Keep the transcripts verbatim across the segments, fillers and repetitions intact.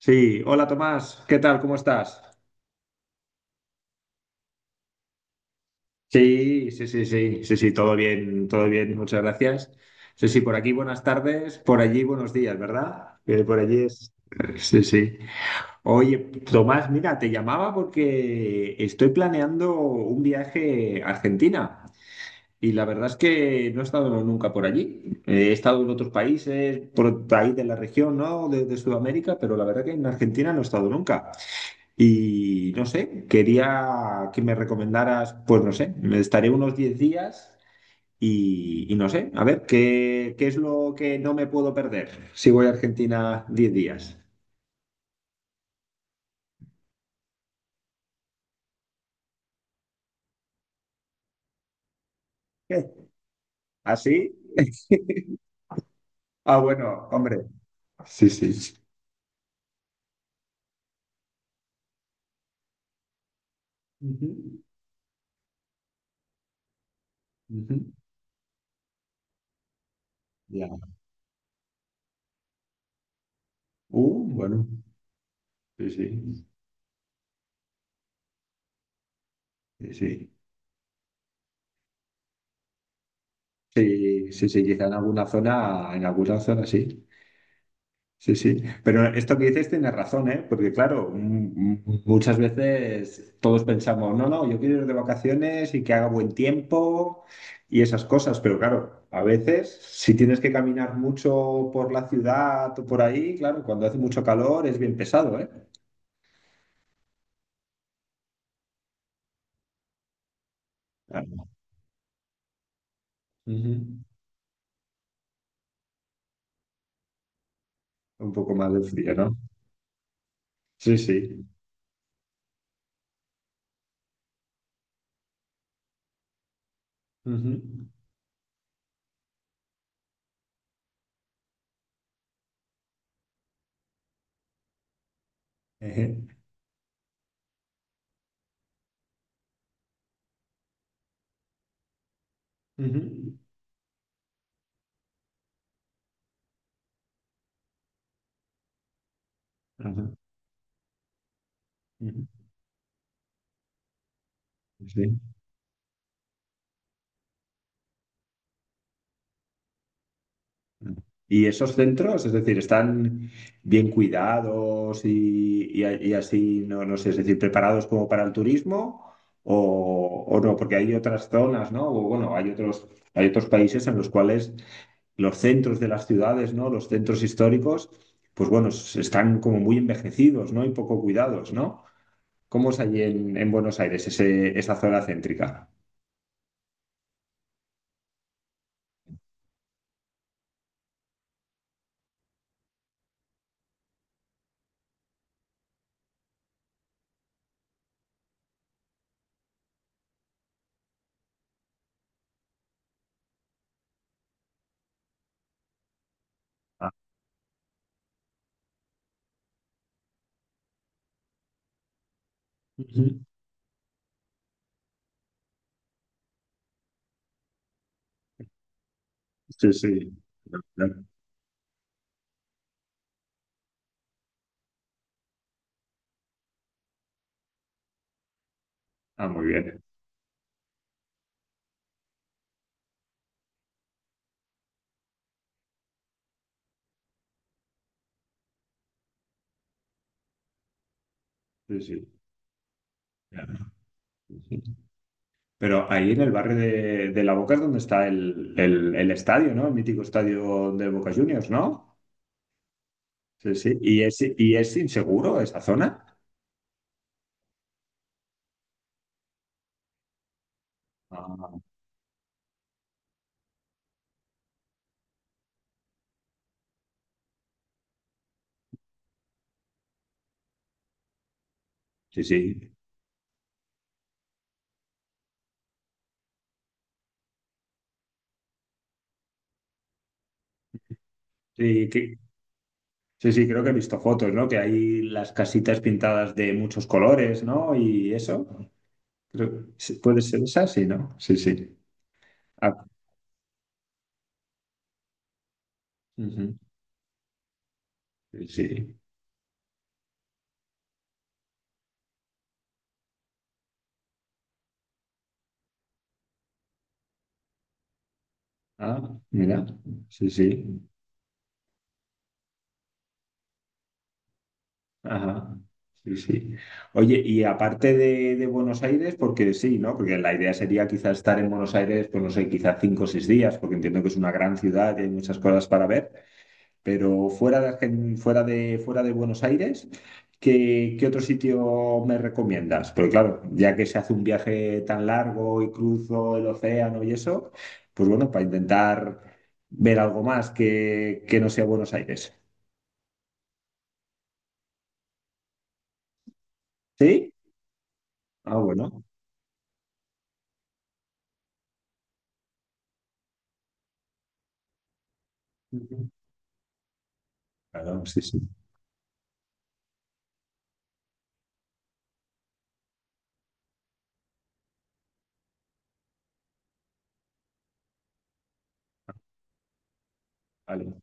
Sí, hola Tomás, ¿qué tal? ¿Cómo estás? Sí, sí, sí, sí, sí, sí, todo bien, todo bien, muchas gracias. Sí, sí, por aquí buenas tardes, por allí buenos días, ¿verdad? Eh, por allí es. Sí, sí. Oye, Tomás, mira, te llamaba porque estoy planeando un viaje a Argentina y la verdad es que no he estado nunca por allí. Eh, He estado en otros países, por ahí de la región, ¿no? De, de Sudamérica, pero la verdad que en Argentina no he estado nunca. Y no sé, quería que me recomendaras, pues no sé, me estaré unos diez días y, y no sé, a ver, ¿qué, qué es lo que no me puedo perder si voy a Argentina diez días? ¿Qué? ¿Así? Ah, bueno, hombre. Sí, sí. Ujú, ujú. Ya. Uh, bueno, sí, sí, sí, sí. Sí, sí, sí, quizá en alguna zona, en alguna zona sí. Sí, sí, pero esto que dices tienes razón, ¿eh? Porque claro, m- m- muchas veces todos pensamos, no, no, yo quiero ir de vacaciones y que haga buen tiempo y esas cosas, pero claro, a veces si tienes que caminar mucho por la ciudad o por ahí, claro, cuando hace mucho calor es bien pesado, ¿eh? Claro. Ujú. Un poco más de frío, ¿no? Sí, sí. Ujú. Ejé. Ujú. Ajá. Ujú. Sí. ¿Y esos centros, es decir, están bien cuidados y, y a- y así, no, no sé, es decir, preparados como para el turismo o, o no? Porque hay otras zonas, ¿no? O bueno, hay otros, hay otros países en los cuales los centros de las ciudades, ¿no? Los centros históricos, pues bueno, s- están como muy envejecidos, ¿no? Y poco cuidados, ¿no? ¿Cómo es allí en, en Buenos Aires, ese- esa zona céntrica? Ah, ujú. Sí, sí. Ah, muy bien. Sí, sí. Pero ahí en el barrio de, de La Boca es donde está el, el- el estadio, ¿no? El mítico estadio de Boca Juniors, ¿no? Sí, sí. ¿Y es, y es inseguro esa zona? Ah, sí, sí. Sí, que- sí, sí, creo que he visto fotos, ¿no? Que hay las casitas pintadas de muchos colores, ¿no? Y eso. Creo- sí, ¿puede ser esa? Sí, ¿no? Sí, sí. Ah, ujú. Sí, sí. Ah, mira. Sí, sí. Ajá, sí, sí. Oye, y aparte de, de Buenos Aires, porque sí, ¿no? Porque la idea sería quizás estar en Buenos Aires, pues no sé, quizás cinco o seis días, porque entiendo que es una gran ciudad y hay muchas cosas para ver, pero fuera de, Argen- fuera de, fuera de Buenos Aires, ¿qué, qué otro sitio me recomiendas? Porque claro, ya que se hace un viaje tan largo y cruzo el océano y eso, pues bueno, para intentar ver algo más que, que no sea Buenos Aires. ¿Sí? Ah, bueno. Ujú. Claro, sí, sí. Vale.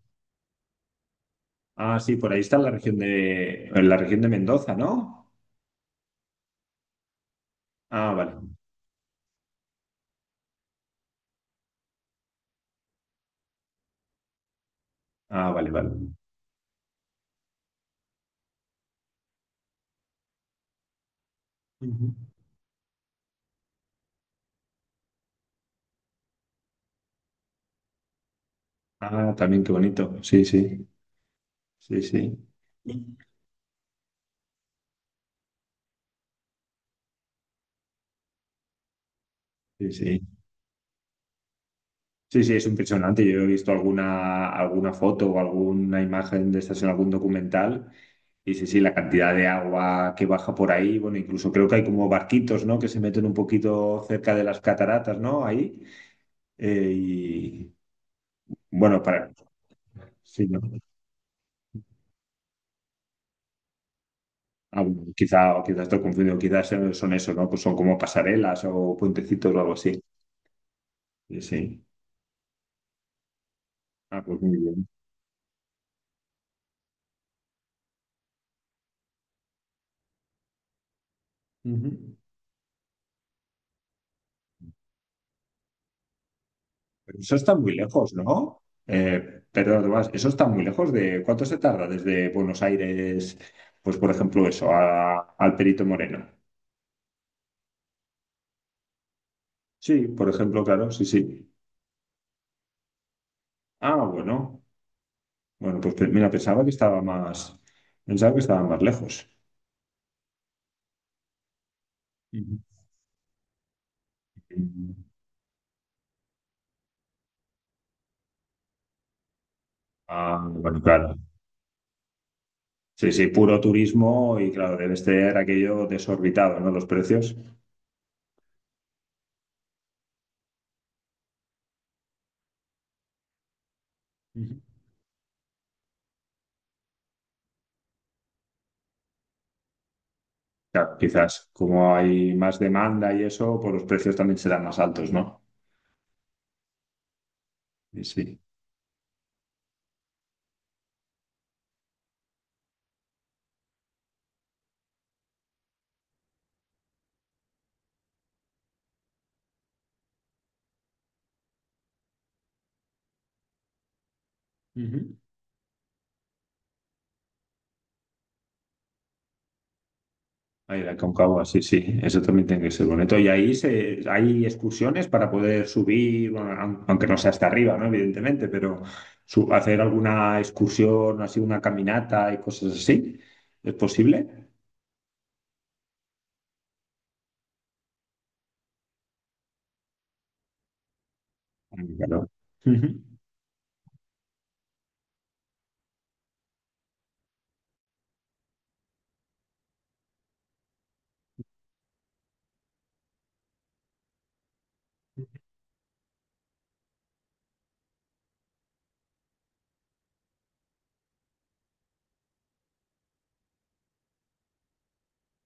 Ah, sí, por ahí está la región de, en la región de Mendoza, ¿no? Ah, vale. Ah, vale, vale. Ujú. Ah, también qué bonito. Sí, sí. Sí, sí. Sí, sí. Sí, sí, es impresionante. Yo he visto alguna, alguna foto o alguna imagen de estas en algún documental. Y sí, sí, la cantidad de agua que baja por ahí. Bueno, incluso creo que hay como barquitos, ¿no? Que se meten un poquito cerca de las cataratas, ¿no? Ahí. Eh, y bueno, para. Sí, ¿no? Ah, bueno, quizá, o quizás estoy confundido, quizás son eso, ¿no? Pues son como pasarelas o puentecitos o algo así. Sí, sí. Ah, pues muy bien. Ujú. Pero eso está muy lejos, ¿no? Eh, perdón, Tomás, eso está muy lejos de... ¿Cuánto se tarda desde Buenos Aires, pues por ejemplo eso, a- al Perito Moreno? Sí, por ejemplo, claro, sí, sí. Ah, bueno. Bueno, pues pe- mira, pensaba que estaba más... Pensaba que estaba más lejos. Ujú. Ah, bueno, claro. Sí, sí, puro turismo y claro, debe ser aquello desorbitado, ¿no? Los precios. Ujú. Claro, quizás como hay más demanda y eso, pues los precios también serán más altos, ¿no? Sí, sí. Ujú. Ahí la Aconcagua, sí, sí, eso también tiene que ser bonito. Y ahí se, hay excursiones para poder subir, bueno, aun- aunque no sea hasta arriba, ¿no? Evidentemente, pero su- hacer alguna excursión, así una caminata y cosas así, ¿es posible? Ah, claro. Ujú.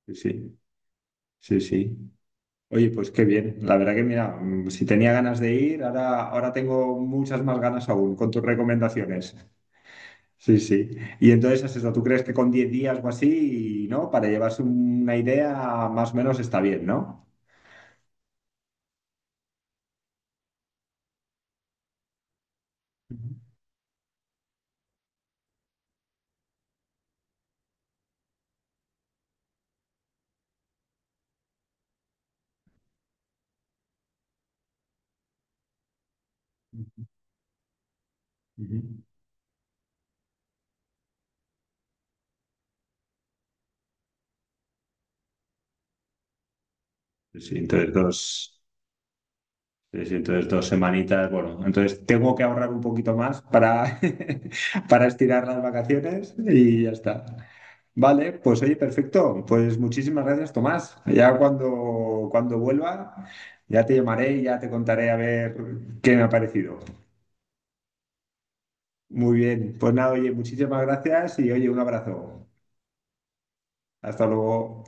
Sí, sí, sí, sí. Oye, pues qué bien. La verdad que mira, mm, si tenía ganas de ir, ahora, ahora tengo muchas más ganas aún con tus recomendaciones. Sí, sí. Y entonces es eso, ¿tú crees que con diez días o así, ¿no? Para llevarse una idea, más o menos está bien, ¿no? Ujú, ujú. Sí, entre dos. Sí, sí, entonces dos semanitas, bueno, entonces tengo que ahorrar un poquito más para, para estirar las vacaciones y ya está. Vale, pues oye, perfecto. Pues muchísimas gracias, Tomás. Ya cuando, cuando vuelva, ya te llamaré y ya te contaré a ver qué me ha parecido. Muy bien, pues nada, oye, muchísimas gracias y oye, un abrazo. Hasta luego.